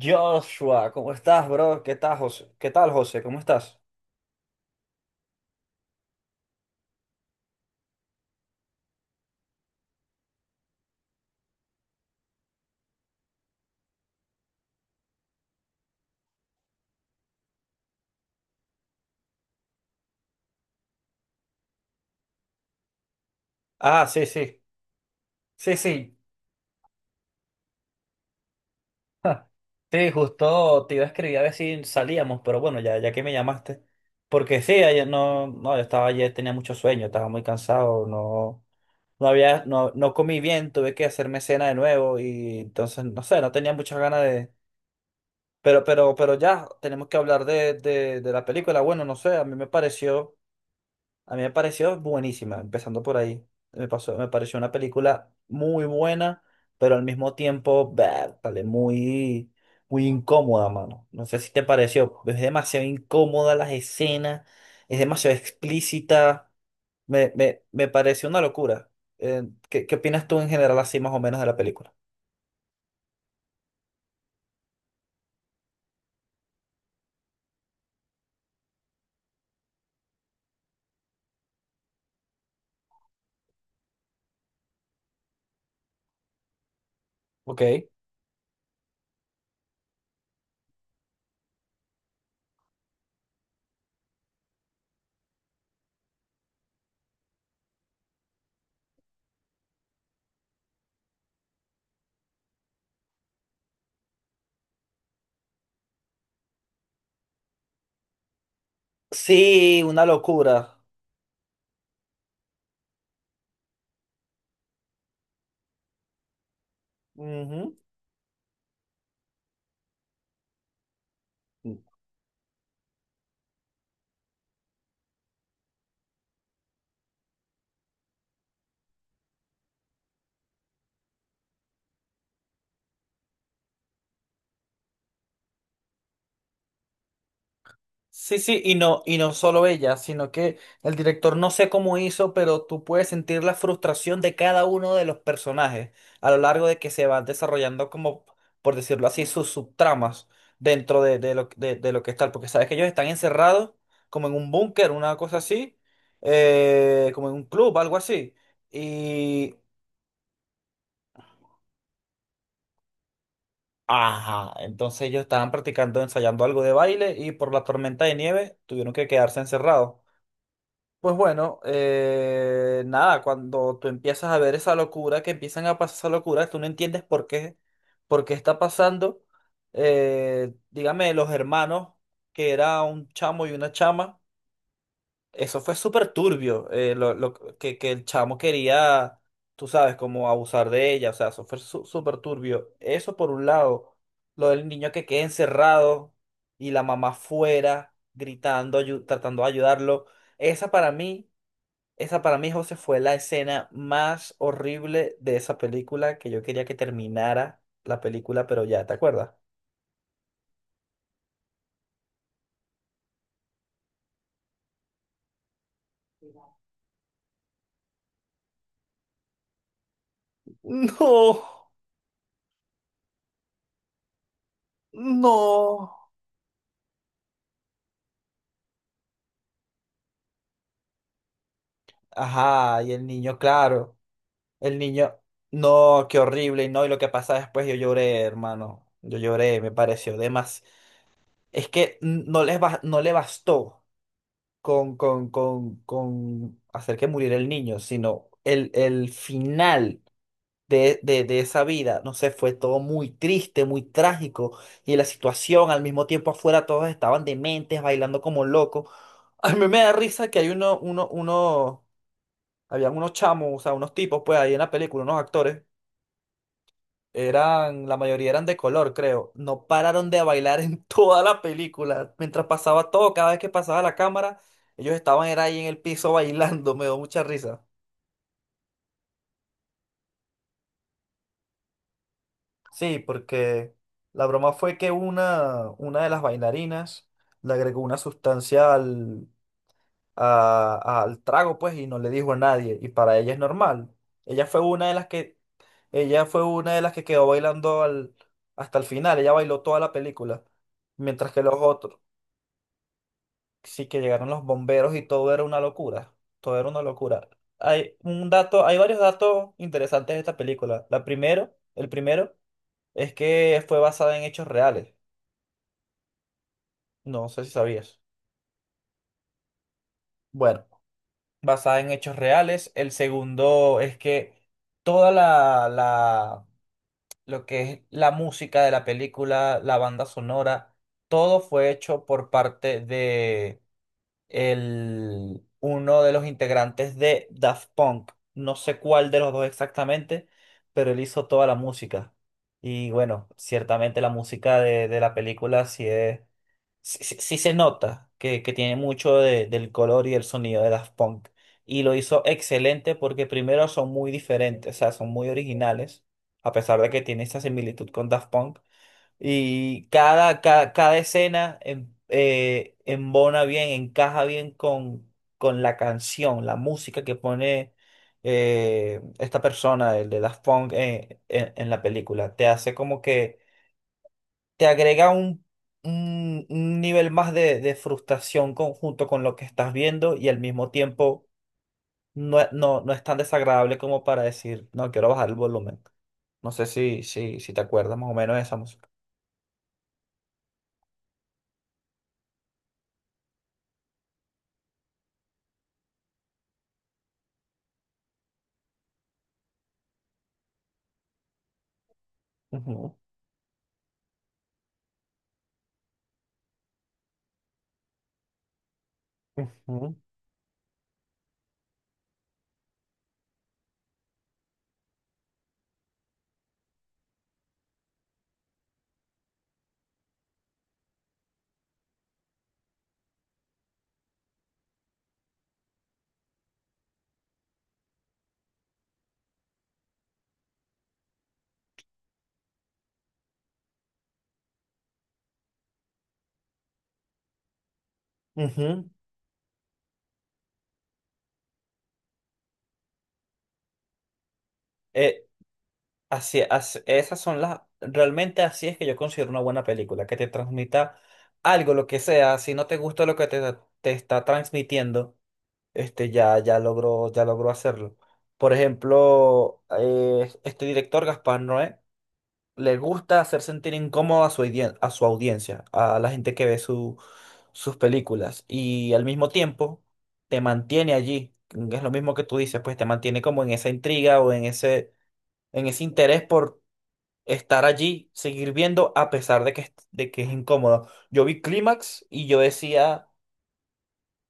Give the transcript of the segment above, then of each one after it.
Joshua, ¿cómo estás, bro? ¿Qué tal, José? ¿Qué tal, José? ¿Cómo estás? Ah, sí. Sí, justo te iba a escribir a ver si salíamos, pero bueno, ya que me llamaste. Porque sí, ayer no, no, yo estaba ayer, tenía mucho sueño, estaba muy cansado, no había, no, comí bien, tuve que hacerme cena de nuevo y entonces, no sé, no tenía muchas ganas de... Pero ya, tenemos que hablar de la película. Bueno, no sé, a mí me pareció. A mí me pareció buenísima, empezando por ahí. Me pareció una película muy buena, pero al mismo tiempo, vértale, muy incómoda, mano. No sé si te pareció. Es demasiado incómoda las escenas, es demasiado explícita. Me pareció una locura. ¿Qué opinas tú en general así más o menos de la película? Ok. Sí, una locura. Ujú. Sí, sí, y no solo ella, sino que el director no sé cómo hizo, pero tú puedes sentir la frustración de cada uno de los personajes a lo largo de que se van desarrollando como, por decirlo así, sus subtramas dentro de lo que está, porque sabes que ellos están encerrados como en un búnker, una cosa así, como en un club, algo así, y... Ajá, entonces ellos estaban practicando, ensayando algo de baile y por la tormenta de nieve tuvieron que quedarse encerrados. Pues bueno, nada, cuando tú empiezas a ver esa locura, que empiezan a pasar esa locura, tú no entiendes por qué está pasando. Dígame, los hermanos, que era un chamo y una chama, eso fue súper turbio, lo que el chamo quería, tú sabes, como abusar de ella, o sea, eso fue su- súper turbio. Eso por un lado, lo del niño que queda encerrado y la mamá fuera, gritando, ayu- tratando de ayudarlo. Esa para mí. Esa para mí, José, fue la escena más horrible de esa película que yo quería que terminara la película, pero ya, ¿te acuerdas? No, no. Ajá, y el niño, claro. El niño, no, qué horrible, y no, y lo que pasa después, yo lloré, hermano. Yo lloré, me pareció de más. Es que n- no les bas- no le bastó con hacer que muriera el niño, sino el final. De esa vida, no sé, fue todo muy triste, muy trágico, y la situación, al mismo tiempo afuera todos estaban dementes, bailando como locos. A mí me da risa que hay uno, habían unos chamos, o sea, unos tipos, pues ahí en la película, unos actores, eran, la mayoría eran de color, creo, no pararon de bailar en toda la película, mientras pasaba todo, cada vez que pasaba la cámara, ellos estaban era ahí en el piso bailando, me dio mucha risa. Sí, porque la broma fue que una de las bailarinas le agregó una sustancia al, a- al trago, pues, y no le dijo a nadie. Y para ella es normal. Ella fue una de las que, ella fue una de las que quedó bailando al, hasta el final. Ella bailó toda la película. Mientras que los otros, sí que llegaron los bomberos y todo era una locura. Todo era una locura. Hay un dato, hay varios datos interesantes de esta película. El primero es que fue basada en hechos reales. No sé si sabías. Bueno, basada en hechos reales. El segundo es que toda la lo que es la música de la película, la banda sonora, todo fue hecho por parte uno de los integrantes de Daft Punk. No sé cuál de los dos exactamente, pero él hizo toda la música. Y bueno, ciertamente la música de la película sí es, sí se nota que tiene mucho de- del color y el sonido de Daft Punk. Y lo hizo excelente porque primero son muy diferentes, o sea, son muy originales, a pesar de que tiene esa similitud con Daft Punk. Y cada escena en- embona bien, encaja bien con la canción, la música que pone esta persona, el de Daft Punk, en la película. Te hace como que te agrega un nivel más de frustración con- junto con lo que estás viendo y al mismo tiempo no, es- no, no es tan desagradable como para decir, no, quiero bajar el volumen. No sé si te acuerdas más o menos de esa música. Ujú, ujú. Ujú. Eh, esas son las, realmente así es que yo considero una buena película, que te transmita algo, lo que sea, si no te gusta lo que te está transmitiendo, este, ya, ya logró hacerlo. Por ejemplo, este director, Gaspar Noé, le gusta hacer sentir incómodo a su, audien- a su audiencia, a la gente que ve su, sus películas, y al mismo tiempo te mantiene allí. Es lo mismo que tú dices, pues te mantiene como en esa intriga o en ese interés por estar allí, seguir viendo a pesar de que es incómodo. Yo vi Clímax y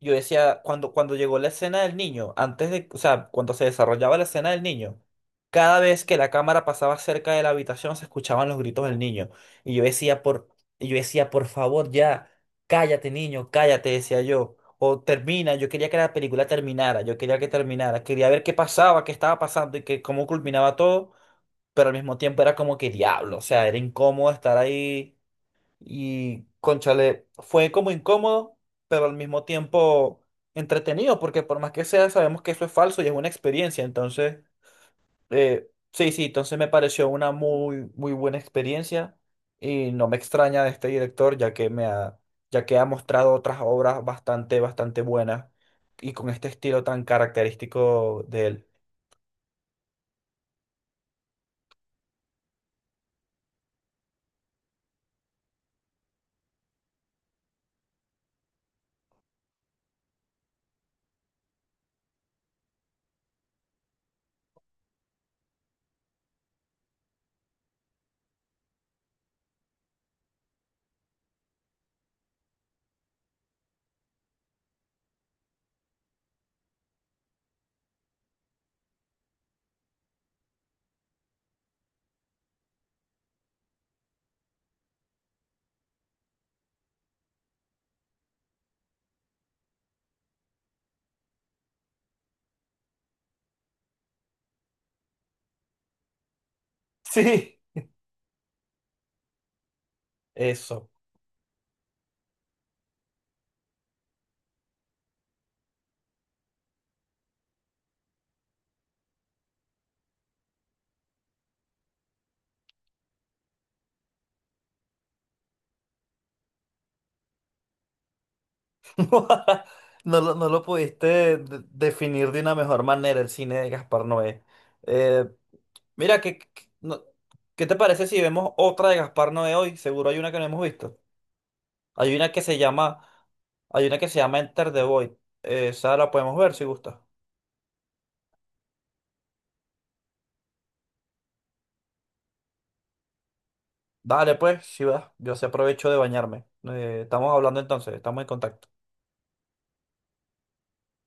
yo decía, cuando, cuando llegó la escena del niño, antes de, o sea, cuando se desarrollaba la escena del niño, cada vez que la cámara pasaba cerca de la habitación se escuchaban los gritos del niño. Y yo decía, por, y yo decía, por favor, ya, cállate, niño, cállate, decía yo. O termina, yo quería que la película terminara, yo quería que terminara, quería ver qué pasaba, qué estaba pasando y que, cómo culminaba todo pero al mismo tiempo era como que diablo, o sea, era incómodo estar ahí y, cónchale, fue como incómodo, pero al mismo tiempo entretenido, porque por más que sea, sabemos que eso es falso y es una experiencia, entonces, sí, sí, entonces me pareció una muy, muy buena experiencia y no me extraña de este director, ya que me ha, ya que ha mostrado otras obras bastante, bastante buenas y con este estilo tan característico de él. Sí, eso. No lo pudiste de- definir de una mejor manera el cine de Gaspar Noé. Eh, mira, ¿qué te parece si vemos otra de Gaspar Noé hoy? Seguro hay una que no hemos visto. Hay una que se llama, hay una que se llama Enter the Void. Esa la podemos ver si gusta. Dale pues, si vas. Yo se aprovecho de bañarme. Estamos hablando entonces, estamos en contacto.